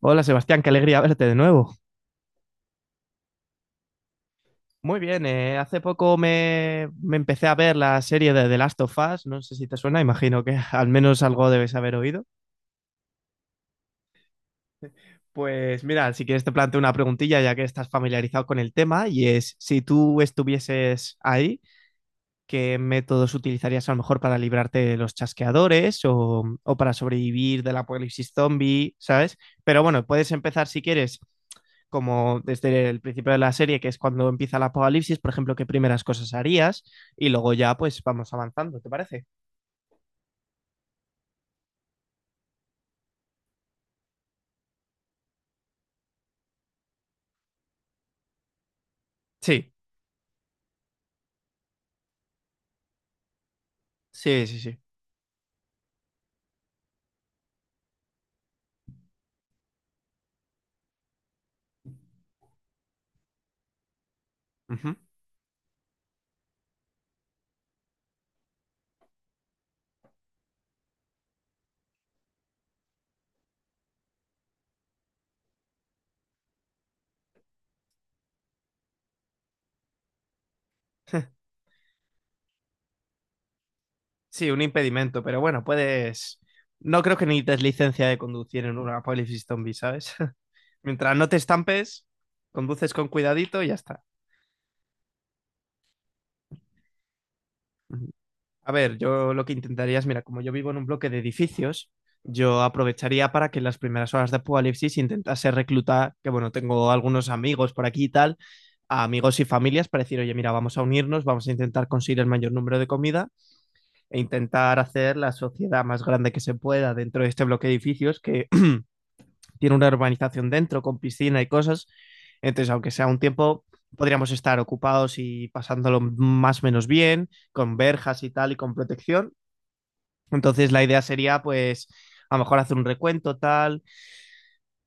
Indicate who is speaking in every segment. Speaker 1: Hola Sebastián, qué alegría verte de nuevo. Muy bien, hace poco me empecé a ver la serie de The Last of Us, no sé si te suena, imagino que al menos algo debes haber oído. Pues mira, si quieres te planteo una preguntilla ya que estás familiarizado con el tema y es si tú estuvieses ahí, ¿qué métodos utilizarías a lo mejor para librarte de los chasqueadores o para sobrevivir del apocalipsis zombie, ¿sabes? Pero bueno, puedes empezar si quieres como desde el principio de la serie, que es cuando empieza el apocalipsis, por ejemplo, qué primeras cosas harías y luego ya pues vamos avanzando, ¿te parece? Sí, sí, sí, sí. Ujú. Sí, un impedimento, pero bueno, puedes... No creo que necesites licencia de conducir en un apocalipsis zombie, ¿sabes? Mientras no te estampes, conduces con cuidadito y ya está. Ujú. A ver, yo lo que intentaría es, mira, como yo vivo en un bloque de edificios, yo aprovecharía para que en las primeras horas de Apocalipsis intentase reclutar, que bueno, tengo algunos amigos por aquí y tal, a amigos y familias para decir, oye, mira, vamos a unirnos, vamos a intentar conseguir el mayor número de comida e intentar hacer la sociedad más grande que se pueda dentro de este bloque de edificios que tiene una urbanización dentro con piscina y cosas. Entonces, aunque sea un tiempo, podríamos estar ocupados y pasándolo más o menos bien, con verjas y tal y con protección, entonces la idea sería pues a lo mejor hacer un recuento tal,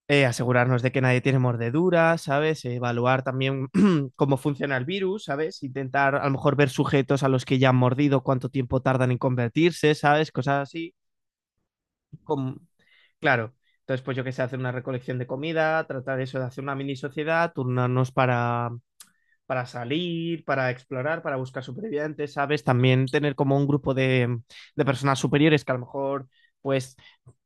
Speaker 1: asegurarnos de que nadie tiene mordeduras, ¿sabes? Evaluar también cómo funciona el virus, ¿sabes? Intentar a lo mejor ver sujetos a los que ya han mordido, cuánto tiempo tardan en convertirse, ¿sabes? Cosas así. Como... Claro. Entonces, pues yo que sé, hacer una recolección de comida, tratar eso de hacer una mini sociedad, turnarnos para salir, para explorar, para buscar supervivientes, ¿sabes? También tener como un grupo de personas superiores que a lo mejor pues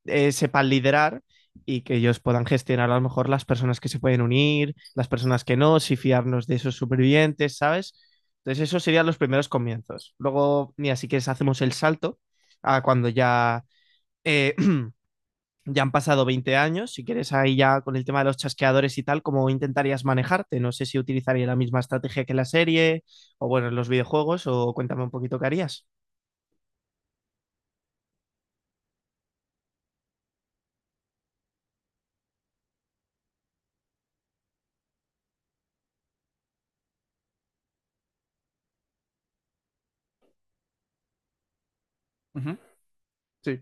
Speaker 1: sepan liderar y que ellos puedan gestionar a lo mejor las personas que se pueden unir, las personas que no, si fiarnos de esos supervivientes, ¿sabes? Entonces esos serían los primeros comienzos. Luego, mira, si quieres hacemos el salto a cuando ya eh, ya han pasado 20 años, si quieres ahí ya con el tema de los chasqueadores y tal, ¿cómo intentarías manejarte? No sé si utilizaría la misma estrategia que la serie o bueno, en los videojuegos o cuéntame un poquito qué harías. Ujú. Sí.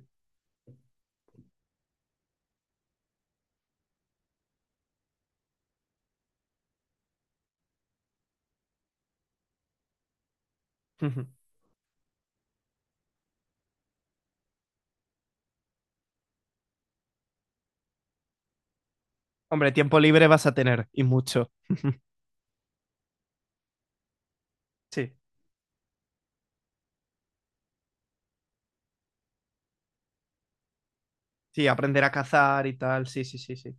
Speaker 1: Ujú. Hombre, tiempo libre vas a tener y mucho. Sí, sí, aprender a cazar y tal, sí, sí, sí, sí.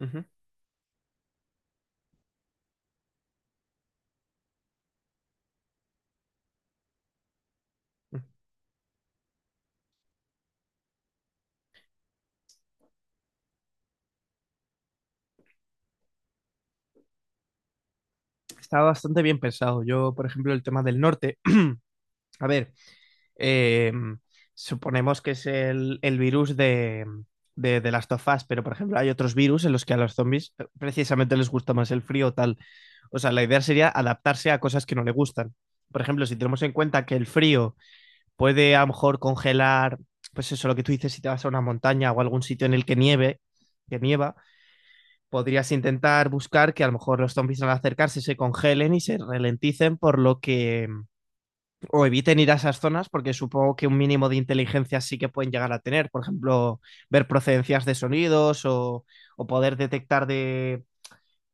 Speaker 1: Ujú. Está bastante bien pensado. Yo, por ejemplo, el tema del norte. A ver, eh, suponemos que es el virus de Last of Us, pero por ejemplo hay otros virus en los que a los zombies precisamente les gusta más el frío o tal. O sea, la idea sería adaptarse a cosas que no le gustan. Por ejemplo, si tenemos en cuenta que el frío puede a lo mejor congelar, pues eso, lo que tú dices, si te vas a una montaña o a algún sitio en el que nieve, que nieva, podrías intentar buscar que a lo mejor los zombies al acercarse se congelen y se ralenticen, por lo que o eviten ir a esas zonas porque supongo que un mínimo de inteligencia sí que pueden llegar a tener. Por ejemplo, ver procedencias de sonidos o poder detectar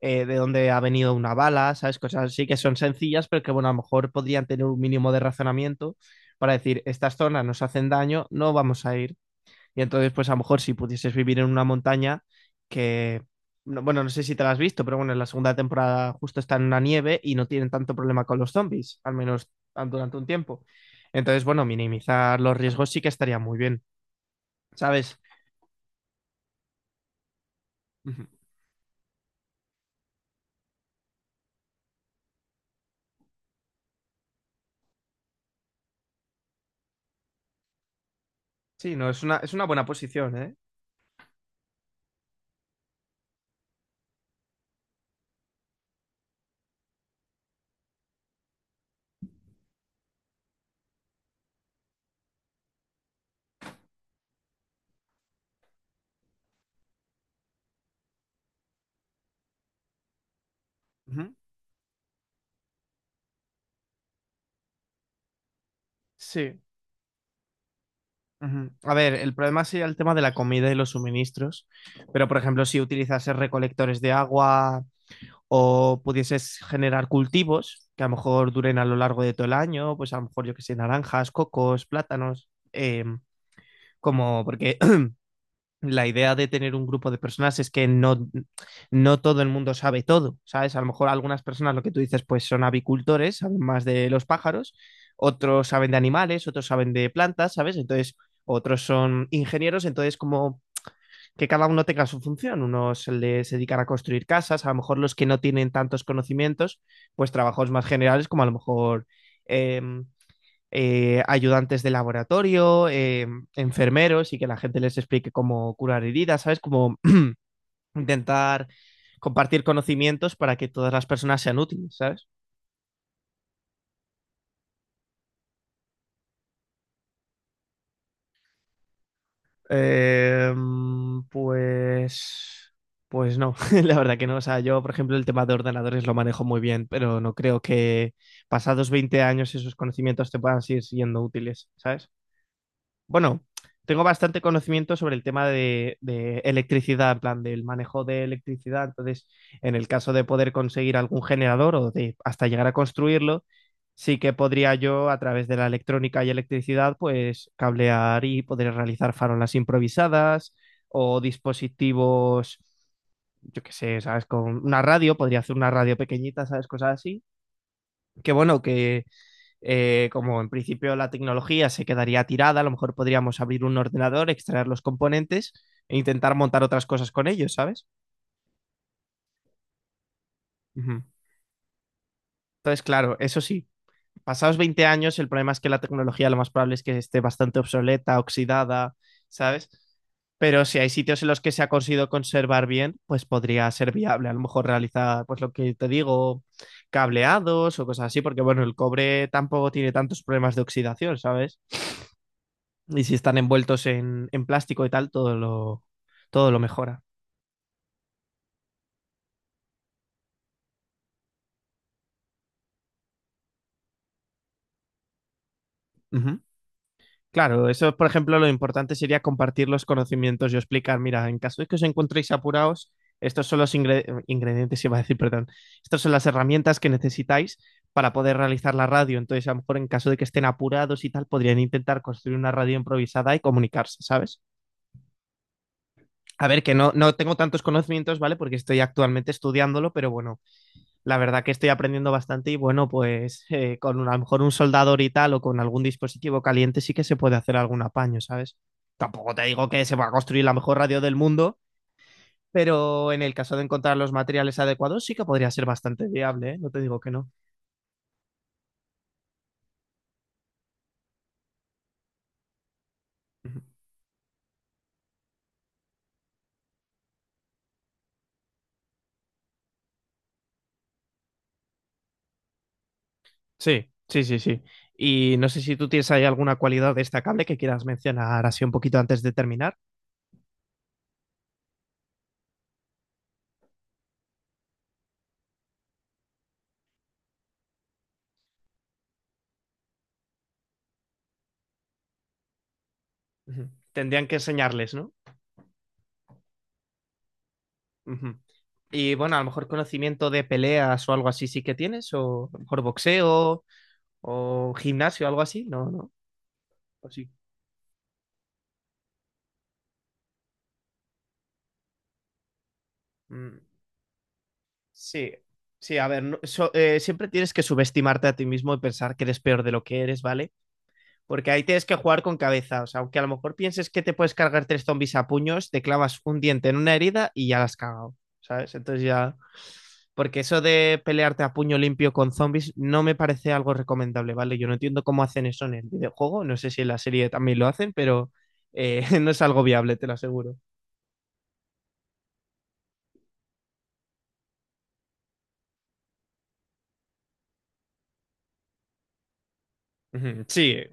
Speaker 1: de dónde ha venido una bala, ¿sabes? Cosas así que son sencillas, pero que bueno, a lo mejor podrían tener un mínimo de razonamiento para decir, estas zonas nos hacen daño, no vamos a ir. Y entonces, pues a lo mejor si pudieses vivir en una montaña que, no- bueno, no sé si te la has visto, pero bueno, en la segunda temporada justo está en una nieve y no tienen tanto problema con los zombies, al menos durante un tiempo. Entonces, bueno, minimizar los riesgos sí que estaría muy bien, ¿sabes? Ujú. Sí, no, es una buena posición, ¿eh? Ujú. Sí. Ujú. A ver, el problema sería el tema de la comida y los suministros, pero por ejemplo, si utilizases recolectores de agua, o pudieses generar cultivos que a lo mejor duren a lo largo de todo el año, pues a lo mejor yo que sé, naranjas, cocos, plátanos, como porque la idea de tener un grupo de personas es que no todo el mundo sabe todo, ¿sabes? A lo mejor algunas personas, lo que tú dices, pues son avicultores, saben más de los pájaros, otros saben de animales, otros saben de plantas, ¿sabes? Entonces, otros son ingenieros, entonces como que cada uno tenga su función. Unos les dedican a construir casas, a lo mejor los que no tienen tantos conocimientos, pues trabajos más generales como a lo mejor em, ayudantes de laboratorio, enfermeros y que la gente les explique cómo curar heridas, ¿sabes? Como intentar compartir conocimientos para que todas las personas sean útiles, ¿sabes? Eh, mm, pues, pues no, la verdad que no. O sea, yo, por ejemplo, el tema de ordenadores lo manejo muy bien, pero no creo que pasados 20 años esos conocimientos te puedan seguir siendo útiles, ¿sabes? Bueno, tengo bastante conocimiento sobre el tema de electricidad, en plan del manejo de electricidad. Entonces, en el caso de poder conseguir algún generador o de hasta llegar a construirlo, sí que podría yo, a través de la electrónica y electricidad, pues cablear y poder realizar farolas improvisadas o dispositivos. Yo qué sé, ¿sabes? Con una radio, podría hacer una radio pequeñita, ¿sabes? Cosas así. Que bueno, que, como en principio la tecnología se quedaría tirada, a lo mejor podríamos abrir un ordenador, extraer los componentes e intentar montar otras cosas con ellos, ¿sabes? Ujú. Entonces, claro, eso sí, pasados 20 años, el problema es que la tecnología lo más probable es que esté bastante obsoleta, oxidada, ¿sabes? Pero si hay sitios en los que se ha conseguido conservar bien, pues podría ser viable. A lo mejor realizar, pues lo que te digo, cableados o cosas así, porque bueno, el cobre tampoco tiene tantos problemas de oxidación, ¿sabes? Y si están envueltos en plástico y tal, todo lo mejora. Ujú. Claro, eso, por ejemplo, lo importante sería compartir los conocimientos y explicar, mira, en caso de que os encontréis apurados, estos son los ingre- ingredientes, iba a decir, perdón, estas son las herramientas que necesitáis para poder realizar la radio. Entonces, a lo mejor en caso de que estén apurados y tal, podrían intentar construir una radio improvisada y comunicarse, ¿sabes? A ver, que no tengo tantos conocimientos, ¿vale? Porque estoy actualmente estudiándolo, pero bueno, la verdad que estoy aprendiendo bastante y bueno, pues a lo mejor un soldador y tal o con algún dispositivo caliente sí que se puede hacer algún apaño, ¿sabes? Tampoco te digo que se va a construir la mejor radio del mundo, pero en el caso de encontrar los materiales adecuados sí que podría ser bastante viable, ¿eh? No te digo que no. Ujú. Sí, sí, sí, sí. Y no sé si tú tienes ahí alguna cualidad destacable que quieras mencionar así un poquito antes de terminar. Ujú. Tendrían que enseñarles, ¿no? Uh -huh. Y bueno, a lo mejor conocimiento de peleas o algo así sí que tienes, o a lo mejor boxeo o gimnasio, algo así, no, no. Así. Mm. Sí, sí, a ver, siempre tienes que subestimarte a ti mismo y pensar que eres peor de lo que eres, ¿vale? Porque ahí tienes que jugar con cabeza, o sea, aunque a lo mejor pienses que te puedes cargar 3 zombies a puños, te clavas un diente en una herida y ya la has cagado, ¿sabes? Entonces ya. Porque eso de pelearte a puño limpio con zombies no me parece algo recomendable, ¿vale? Yo no entiendo cómo hacen eso en el videojuego, no sé si en la serie también lo hacen, pero no es algo viable, te lo aseguro. Ujú. Sí.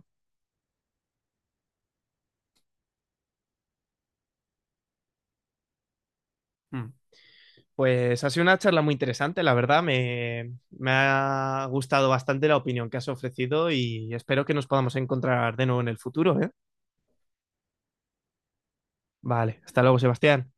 Speaker 1: Mm. Pues ha sido una charla muy interesante, la verdad, me ha gustado bastante la opinión que has ofrecido y espero que nos podamos encontrar de nuevo en el futuro, ¿eh? Vale, hasta luego, Sebastián.